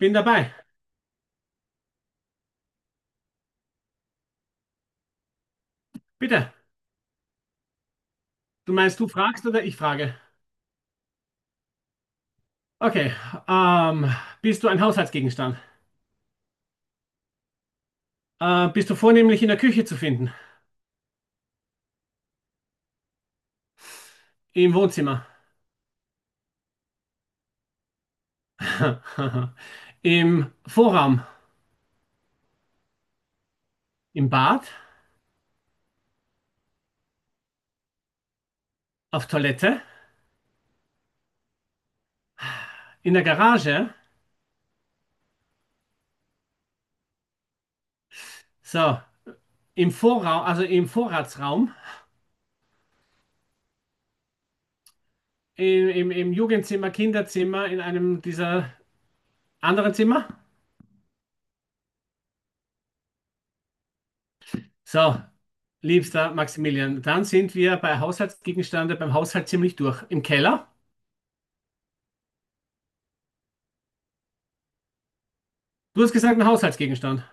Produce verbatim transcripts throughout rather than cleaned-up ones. Bin dabei. Bitte. Du meinst, du fragst oder ich frage? Okay. Ähm, Bist du ein Haushaltsgegenstand? Äh, bist du vornehmlich in der Küche zu finden? Im Wohnzimmer? Im Vorraum? Im Bad? Auf Toilette? In der Garage? So. Im Vorraum, also im Vorratsraum? Im, im, im Jugendzimmer, Kinderzimmer, in einem dieser anderen Zimmer? So. Liebster Maximilian, dann sind wir bei Haushaltsgegenstände beim Haushalt ziemlich durch. Im Keller? Du hast gesagt, ein Haushaltsgegenstand.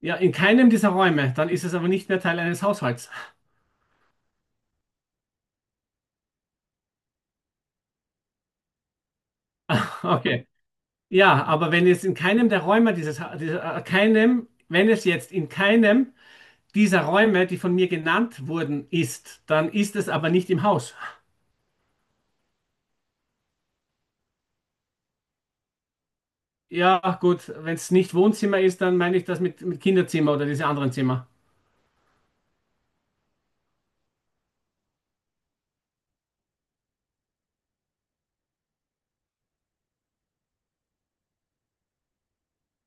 Ja, in keinem dieser Räume. Dann ist es aber nicht mehr Teil eines Haushalts. Okay. Ja, aber wenn es in keinem der Räume dieses, Ha- dieser, äh, keinem, wenn es jetzt in keinem dieser Räume, die von mir genannt wurden, ist, dann ist es aber nicht im Haus. Ja, gut, wenn es nicht Wohnzimmer ist, dann meine ich das mit, mit Kinderzimmer oder diese anderen Zimmer.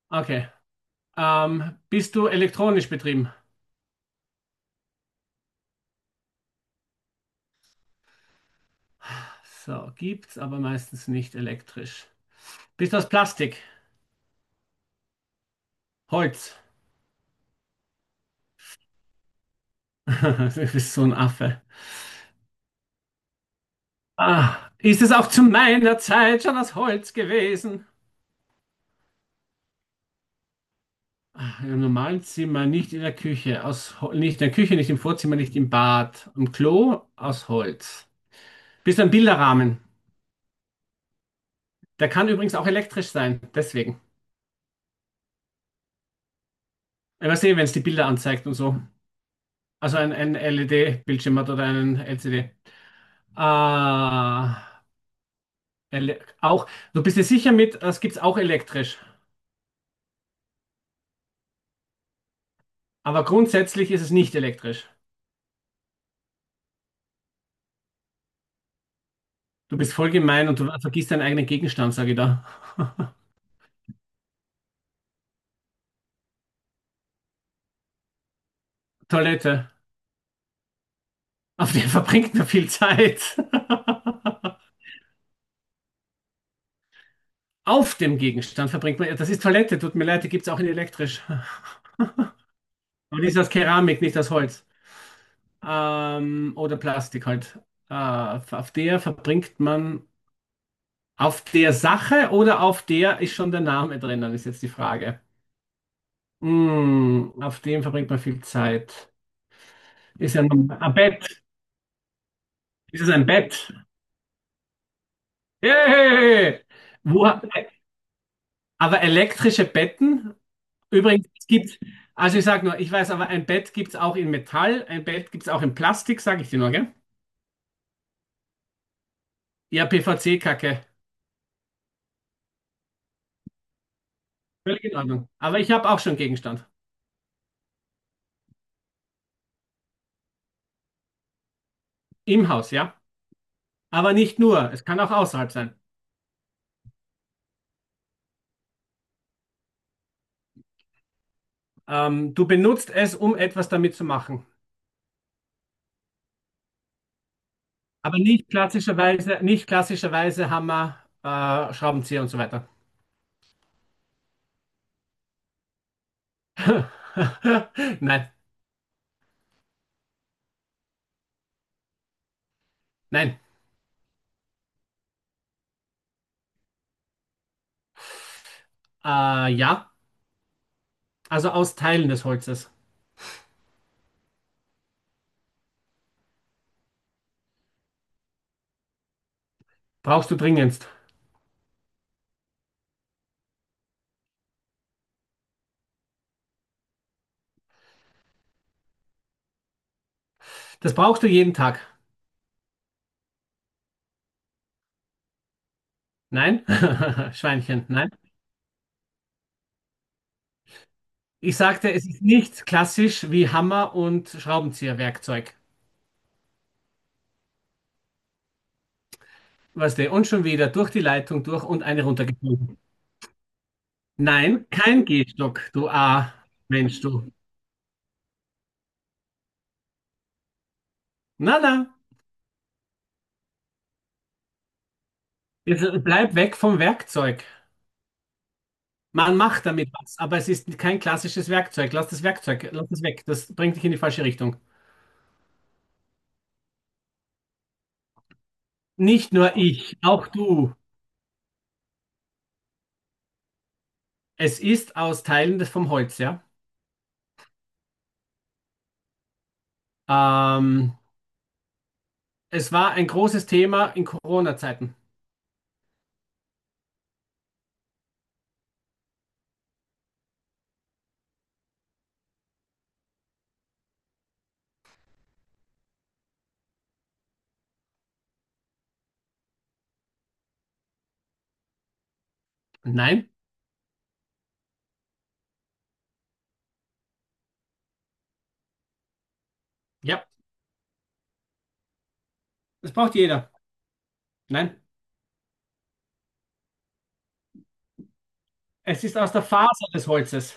Okay. Ähm, bist du elektronisch betrieben? So, gibt's aber meistens nicht elektrisch. Bist du aus Plastik? Holz? Du bist so ein Affe. Ah, ist es auch zu meiner Zeit schon aus Holz gewesen? Im normalen Zimmer, nicht in der Küche, aus, Hol- nicht in der Küche, nicht im Vorzimmer, nicht im Bad, im Klo aus Holz. Bist du ein Bilderrahmen? Der kann übrigens auch elektrisch sein, deswegen. Ich weiß eh, wenn es die Bilder anzeigt und so. Also ein, ein L E D-Bildschirm hat oder einen L C D. Ah, ele auch. Du bist dir sicher mit, das gibt's auch elektrisch. Aber grundsätzlich ist es nicht elektrisch. Du bist voll gemein und du vergisst deinen eigenen Gegenstand, sage ich da. Toilette. Auf der verbringt man viel Zeit. Auf dem Gegenstand verbringt man. Ja, das ist Toilette, tut mir leid, die gibt es auch in elektrisch. Und ist aus Keramik, nicht aus Holz. Ähm, oder Plastik halt. Äh, auf der verbringt man. Auf der Sache oder auf der ist schon der Name drinnen, ist jetzt die Frage. Hm, auf dem verbringt man viel Zeit. Ist ja ein, ein Bett. Ist es ein Bett? Yay! Wo, aber elektrische Betten? Übrigens, es gibt, also ich sage nur, ich weiß, aber ein Bett gibt es auch in Metall, ein Bett gibt es auch in Plastik, sage ich dir nur, gell? Ja, P V C-Kacke. Völlig in Ordnung. Aber ich habe auch schon Gegenstand. Im Haus, ja. Aber nicht nur, es kann auch außerhalb sein. Ähm, du benutzt es, um etwas damit zu machen. Aber nicht klassischerweise, nicht klassischerweise Hammer, äh, Schraubenzieher und so weiter. Nein, nein. Äh, ja, also aus Teilen des Holzes. Brauchst du dringendst. Das brauchst du jeden Tag. Nein, Schweinchen, nein. Ich sagte, es ist nicht klassisch wie Hammer und Schraubenzieherwerkzeug. Was denn? Und schon wieder durch die Leitung durch und eine runtergeflogen. Nein, kein Gehstock, du A-Mensch, du. Na, na, jetzt bleib weg vom Werkzeug. Man macht damit was, aber es ist kein klassisches Werkzeug. Lass das Werkzeug, lass das weg. Das bringt dich in die falsche Richtung. Nicht nur ich, auch du. Es ist aus Teilen des vom Holz, ja. Ähm, Es war ein großes Thema in Corona-Zeiten. Nein, ja, das braucht jeder. Nein, es ist aus der Faser des Holzes.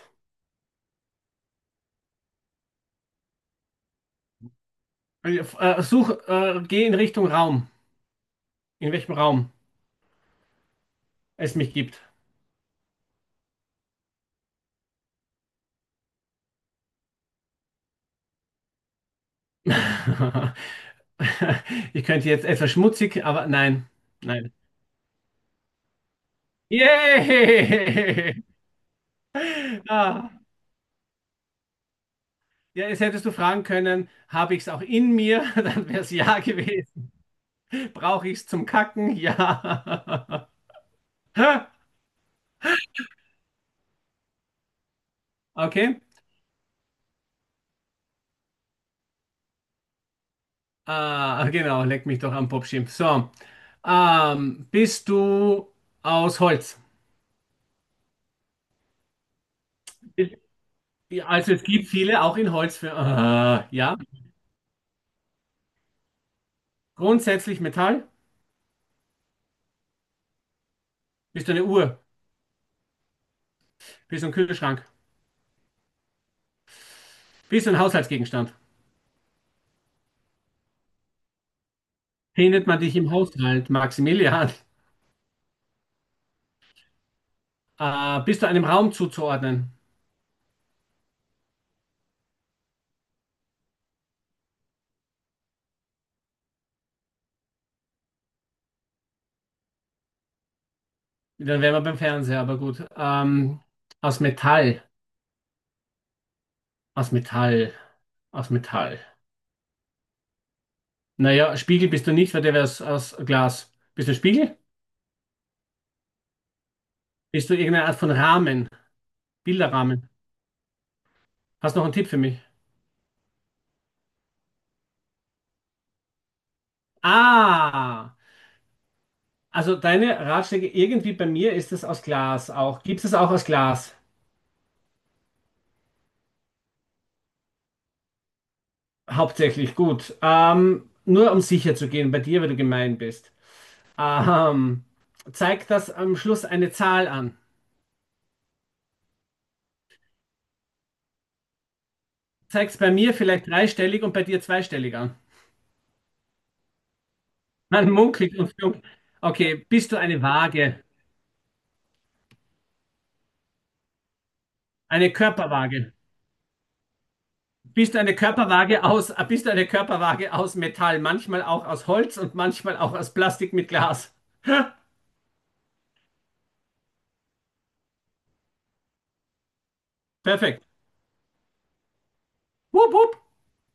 Äh, Such, äh, geh in Richtung Raum, in welchem Raum es mich gibt. Ich könnte jetzt etwas schmutzig, aber nein, nein. Yay! Ah, ja, jetzt hättest du fragen können, habe ich es auch in mir? Dann wäre es ja gewesen. Brauche ich es zum Kacken? Ja. Okay. Ah, genau, leck mich doch am Popschimpf. So, ähm, bist du aus Holz? Also es gibt viele auch in Holz für. Ah, ja. Grundsätzlich Metall? Bist du eine Uhr? Bist du ein Kühlschrank? Bist du ein Haushaltsgegenstand? Findet man dich im Haushalt, Maximilian? Äh, bist du einem Raum zuzuordnen? Dann wären wir beim Fernseher, aber gut. Ähm, aus Metall. Aus Metall. Aus Metall. Naja, Spiegel bist du nicht, weil der wäre aus, aus Glas. Bist du ein Spiegel? Bist du irgendeine Art von Rahmen? Bilderrahmen? Hast noch einen Tipp für mich? Ah, also deine Ratschläge irgendwie bei mir ist es aus Glas auch. Gibt es auch aus Glas? Hauptsächlich, gut. Ähm, nur um sicher zu gehen bei dir, weil du gemein bist. Ähm, Zeig das am Schluss eine Zahl an. Zeig es bei mir vielleicht dreistellig und bei dir zweistellig an. Man munkelt und flunkelt. Okay, bist du eine Waage? Eine Körperwaage? Bist eine Körperwaage aus, bist eine Körperwaage aus Metall, manchmal auch aus Holz und manchmal auch aus Plastik mit Glas. Perfekt. Wupp, wupp.